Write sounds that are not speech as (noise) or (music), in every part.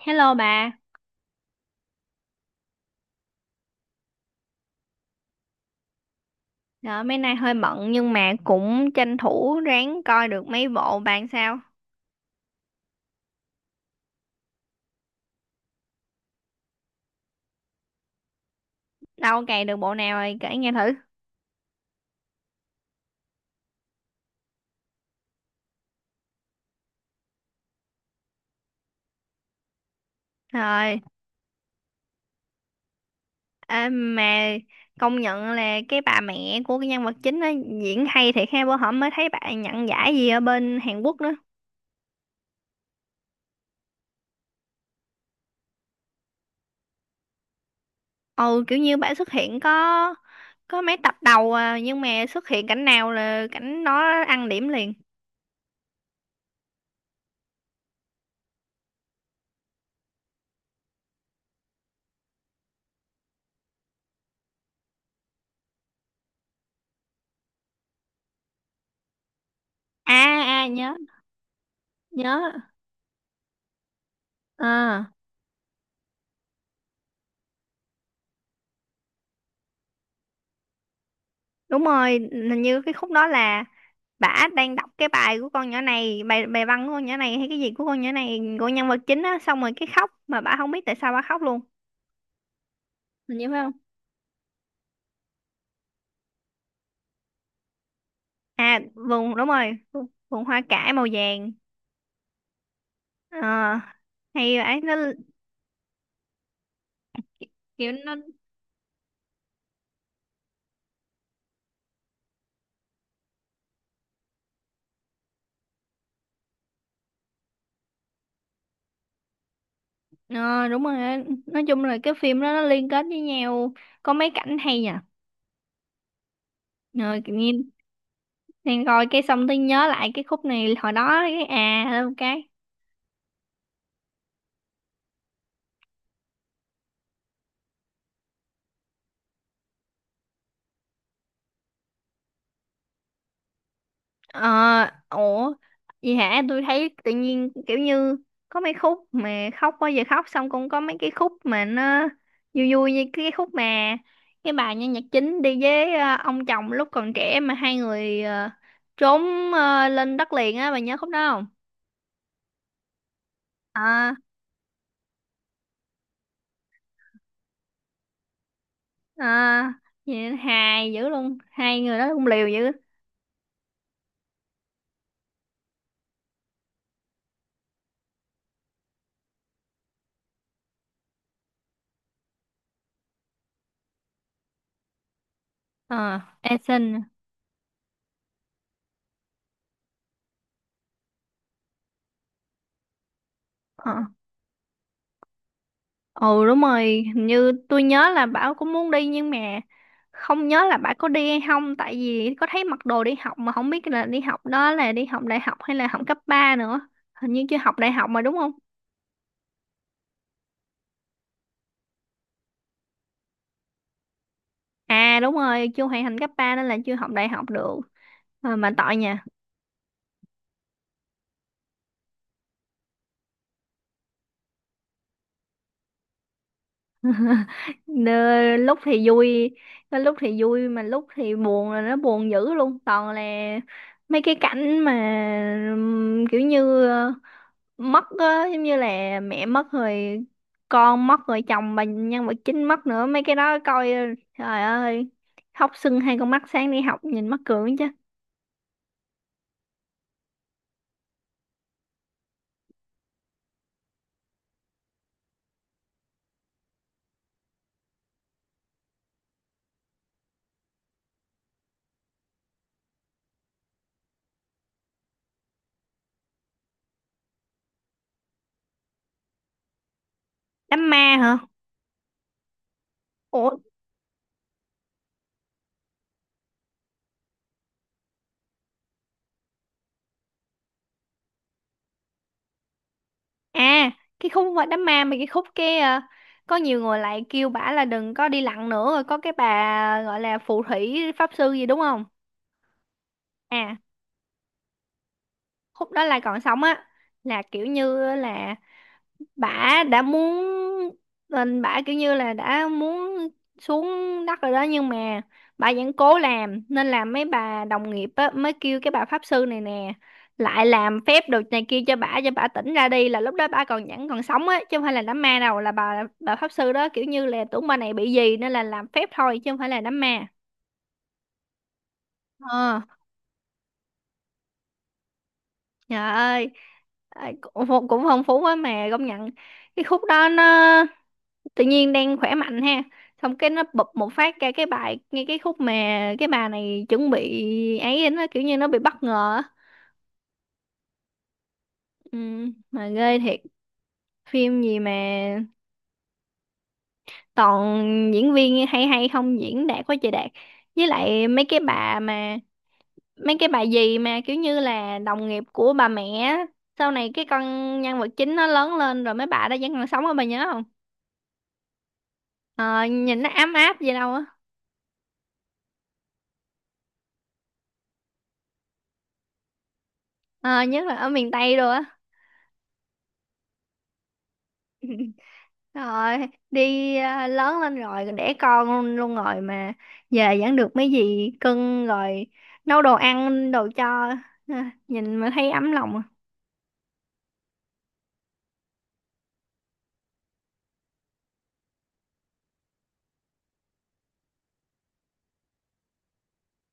Hello bà. Đó, mấy nay hơi bận nhưng mà cũng tranh thủ ráng coi được mấy bộ bạn sao. Đâu cày được bộ nào rồi kể nghe thử. Rồi, à, mà công nhận là cái bà mẹ của cái nhân vật chính á diễn hay thiệt ha, bữa hổm mới thấy bà nhận giải gì ở bên Hàn Quốc nữa. Ừ, kiểu như bà xuất hiện có mấy tập đầu à, nhưng mà xuất hiện cảnh nào là cảnh nó ăn điểm liền. À à, nhớ nhớ. Ờ, đúng rồi, hình như cái khúc đó là bả đang đọc cái bài của con nhỏ này, bài bài văn của con nhỏ này hay cái gì của con nhỏ này, của nhân vật chính á, xong rồi cái khóc mà bả không biết tại sao bả khóc luôn, hình như phải không? à Vùng, đúng rồi, vùng hoa cải màu vàng. ờ Hay ấy, nó kiểu nó ờ đúng rồi á. Nói chung là cái phim đó nó liên kết với nhau, có mấy cảnh hay nhỉ. Ờ Kiểu như đang coi cái xong tôi nhớ lại cái khúc này hồi đó, cái lên một cái. Ờ, ủa, gì hả? Tôi thấy tự nhiên kiểu như có mấy khúc mà khóc, bao giờ khóc xong cũng có mấy cái khúc mà nó vui vui, như cái khúc mà cái bà nhân vật chính đi với ông chồng lúc còn trẻ mà hai người trốn lên đất liền á, bà nhớ khúc đó không? À, à, vậy hài dữ luôn, hai người đó cũng liều dữ. Ờ, Eason. Ừ, đúng rồi, hình như tôi nhớ là Bảo cũng muốn đi nhưng mà không nhớ là Bảo có đi hay không, tại vì có thấy mặc đồ đi học mà không biết là đi học đó là đi học đại học hay là học cấp 3 nữa. Hình như chưa học đại học mà, đúng không? À, đúng rồi, chưa hoàn thành cấp 3 nên là chưa học đại học được. Mà tội nha. Lúc thì vui, có lúc thì vui mà lúc thì buồn là nó buồn dữ luôn, toàn là mấy cái cảnh mà kiểu như mất á, giống như là mẹ mất rồi, con mất rồi, chồng bà nhân vật chính mất nữa, mấy cái đó coi trời ơi, khóc sưng hai con mắt, sáng đi học nhìn mắc cười chứ. Đám ma hả? Ủa, à cái khúc mà đám ma, mà cái khúc cái, có nhiều người lại kêu bả là đừng có đi lặn nữa, rồi có cái bà gọi là phù thủy pháp sư gì đúng không? à Khúc đó là còn sống á, là kiểu như là bả đã muốn lên, bả kiểu như là đã muốn xuống đất rồi đó, nhưng mà bà vẫn cố làm nên là mấy bà đồng nghiệp á, mới kêu cái bà pháp sư này nè lại làm phép đồ này kia cho bả, cho bả tỉnh ra đi, là lúc đó bả còn vẫn còn sống á chứ không phải là đám ma đâu, là bà pháp sư đó kiểu như là tưởng bà này bị gì nên là làm phép thôi chứ không phải là đám ma. ờ Trời ơi. Ờ, cũng cũng phong phú quá mà công nhận, cái khúc đó nó tự nhiên đang khỏe mạnh ha, xong cái nó bụp một phát ra cái bài ngay cái khúc mà cái bà này chuẩn bị, ấy nó kiểu như nó bị bất ngờ á. Ừ, mà ghê thiệt, phim gì mà toàn diễn viên hay, hay không diễn đạt quá trời đạt, với lại mấy cái bà gì mà kiểu như là đồng nghiệp của bà mẹ á, sau này cái con nhân vật chính nó lớn lên rồi mấy bà đó vẫn còn sống á, bà nhớ không? Ờ, nhìn nó ấm áp gì đâu á. Ờ, nhất là ở miền Tây rồi á. (laughs) Rồi, đi à, lớn lên rồi đẻ con luôn rồi mà, về vẫn được mấy gì cưng rồi nấu đồ ăn đồ cho, à, nhìn mà thấy ấm lòng. À.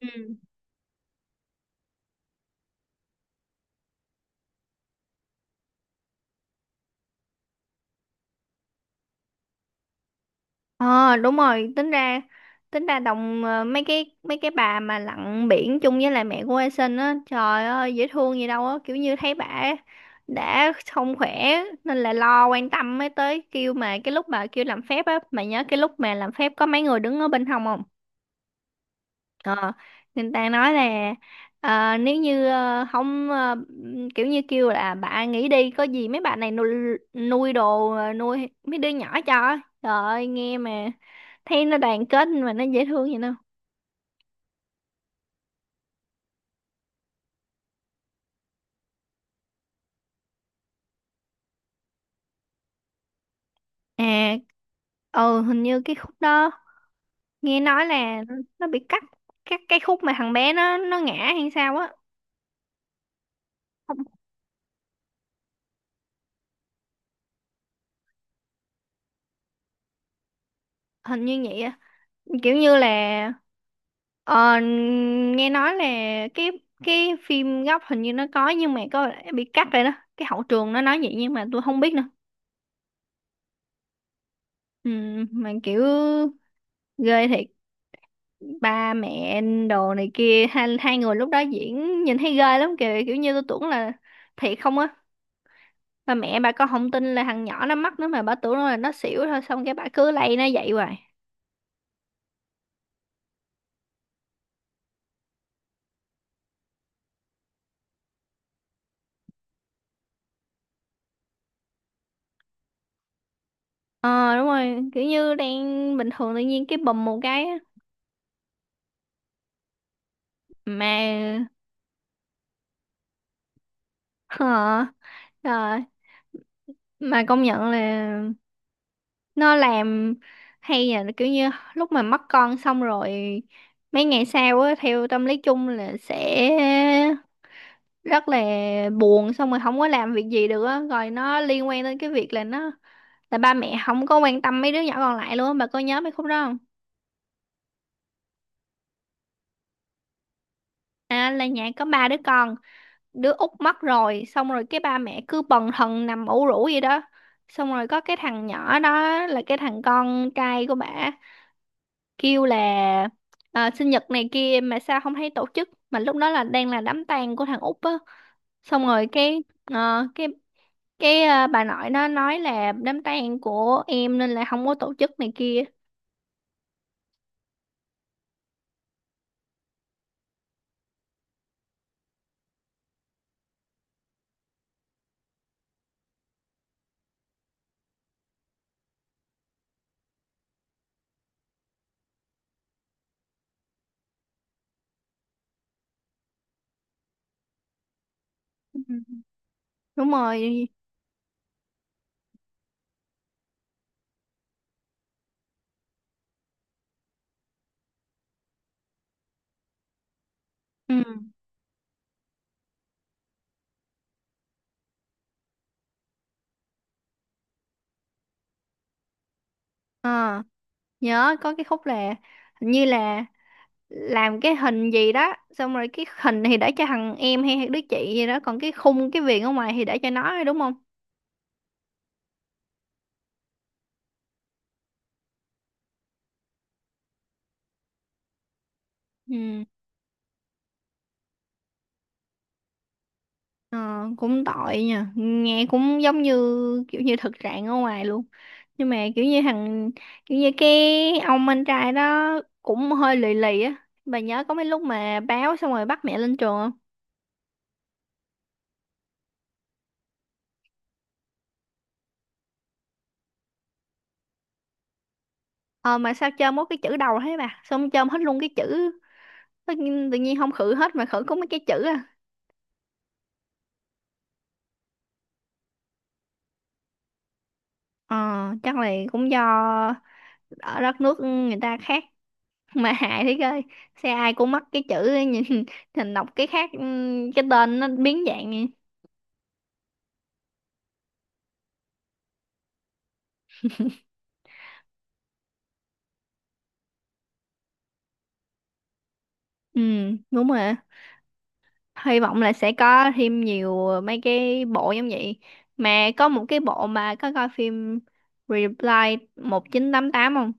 Ừ. Ờ, đúng rồi, tính ra đồng, mấy cái bà mà lặn biển chung với lại mẹ của A Sinh á, trời ơi dễ thương gì đâu á, kiểu như thấy bà đã không khỏe nên là lo quan tâm mới tới kêu, mà cái lúc bà kêu làm phép á, mà nhớ cái lúc mà làm phép có mấy người đứng ở bên hông không? Ờ, người ta nói là, nếu như không, kiểu như kêu là bà nghỉ đi, có gì mấy bà này nuôi, nuôi đồ, nuôi mấy đứa nhỏ cho, trời ơi, nghe mà thấy nó đoàn kết mà nó dễ thương vậy đâu. à ừ, hình như cái khúc đó nghe nói là nó bị cắt, cái khúc mà thằng bé nó ngã hay sao á. Không, hình như vậy, kiểu như là, ờ, nghe nói là cái cái phim gốc hình như nó có nhưng mà có lẽ bị cắt rồi đó, cái hậu trường nó nói vậy nhưng mà tôi không biết nữa. Ừ, mà kiểu ghê thiệt, ba mẹ đồ này kia, hai người lúc đó diễn nhìn thấy ghê lắm kìa, kiểu như tôi tưởng là thiệt không á, ba mẹ bà con không tin là thằng nhỏ nó mắc nữa mà bà tưởng là nó xỉu thôi, xong cái bà cứ lay nó vậy hoài. Ờ, đúng rồi, kiểu như đang bình thường tự nhiên cái bùm một cái á. Mà. Hả? Rồi, mà công nhận là nó làm hay, là kiểu như lúc mà mất con xong rồi, mấy ngày sau á theo tâm lý chung là sẽ rất là buồn xong rồi không có làm việc gì được á, rồi nó liên quan đến cái việc là nó là ba mẹ không có quan tâm mấy đứa nhỏ còn lại luôn á, bà có nhớ mấy khúc đó không? À, là nhà có ba đứa con, đứa út mất rồi xong rồi cái ba mẹ cứ bần thần nằm ủ rũ vậy đó, xong rồi có cái thằng nhỏ đó là cái thằng con trai của bả kêu là, à, sinh nhật này kia mà sao không thấy tổ chức, mà lúc đó là đang là đám tang của thằng Út á, xong rồi cái ờ, bà nội nó nói là đám tang của em nên là không có tổ chức này kia. Ừ. Đúng rồi. Ừ. Ờ, nhớ có cái khúc là hình như là làm cái hình gì đó, xong rồi cái hình thì để cho thằng em hay hay đứa chị gì đó, còn cái khung cái viền ở ngoài thì để cho nó thôi, đúng không? Ừ. Ờ, cũng tội nha, nghe cũng giống như kiểu như thực trạng ở ngoài luôn, nhưng mà kiểu như thằng, kiểu như cái ông anh trai đó cũng hơi lì lì á, bà nhớ có mấy lúc mà báo xong rồi bắt mẹ lên trường không? Ờ mà sao chôm có cái chữ đầu thế bà, xong chôm hết luôn cái chữ, tự nhiên không khử hết mà khử có mấy cái chữ à. ờ Chắc là cũng do ở đất nước người ta khác, (laughs) mà hại thế coi, xe ai cũng mắc cái chữ ấy, nhìn (laughs) thành đọc cái khác. Ừ, cái tên nó biến dạng vậy. Ừ, đúng rồi á. Hy vọng là sẽ có thêm nhiều, mấy cái bộ giống vậy. Mà có một cái bộ mà có coi phim Reply 1988 không?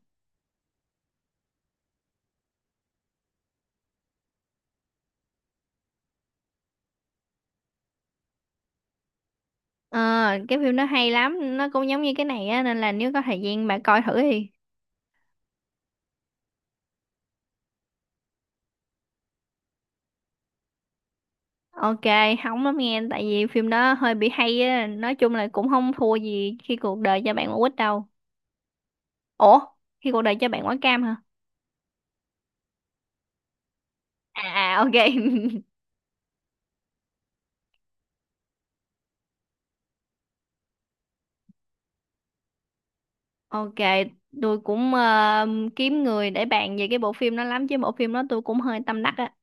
Ờ, cái phim nó hay lắm, nó cũng giống như cái này á nên là nếu có thời gian bà coi thử đi. Ok, hóng lắm nghe, tại vì phim đó hơi bị hay á, nói chung là cũng không thua gì khi cuộc đời cho bạn quả quýt đâu. Ủa, khi cuộc đời cho bạn quả cam hả? À, à, ok. (laughs) Ok, tôi cũng, kiếm người để bàn về cái bộ phim đó lắm, chứ bộ phim đó tôi cũng hơi tâm đắc á.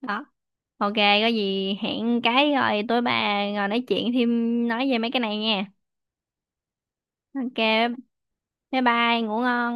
Đó. Ok, có gì hẹn cái rồi tối bà ngồi nói chuyện thêm, nói về mấy cái này nha. Ok, bye bye, ngủ ngon.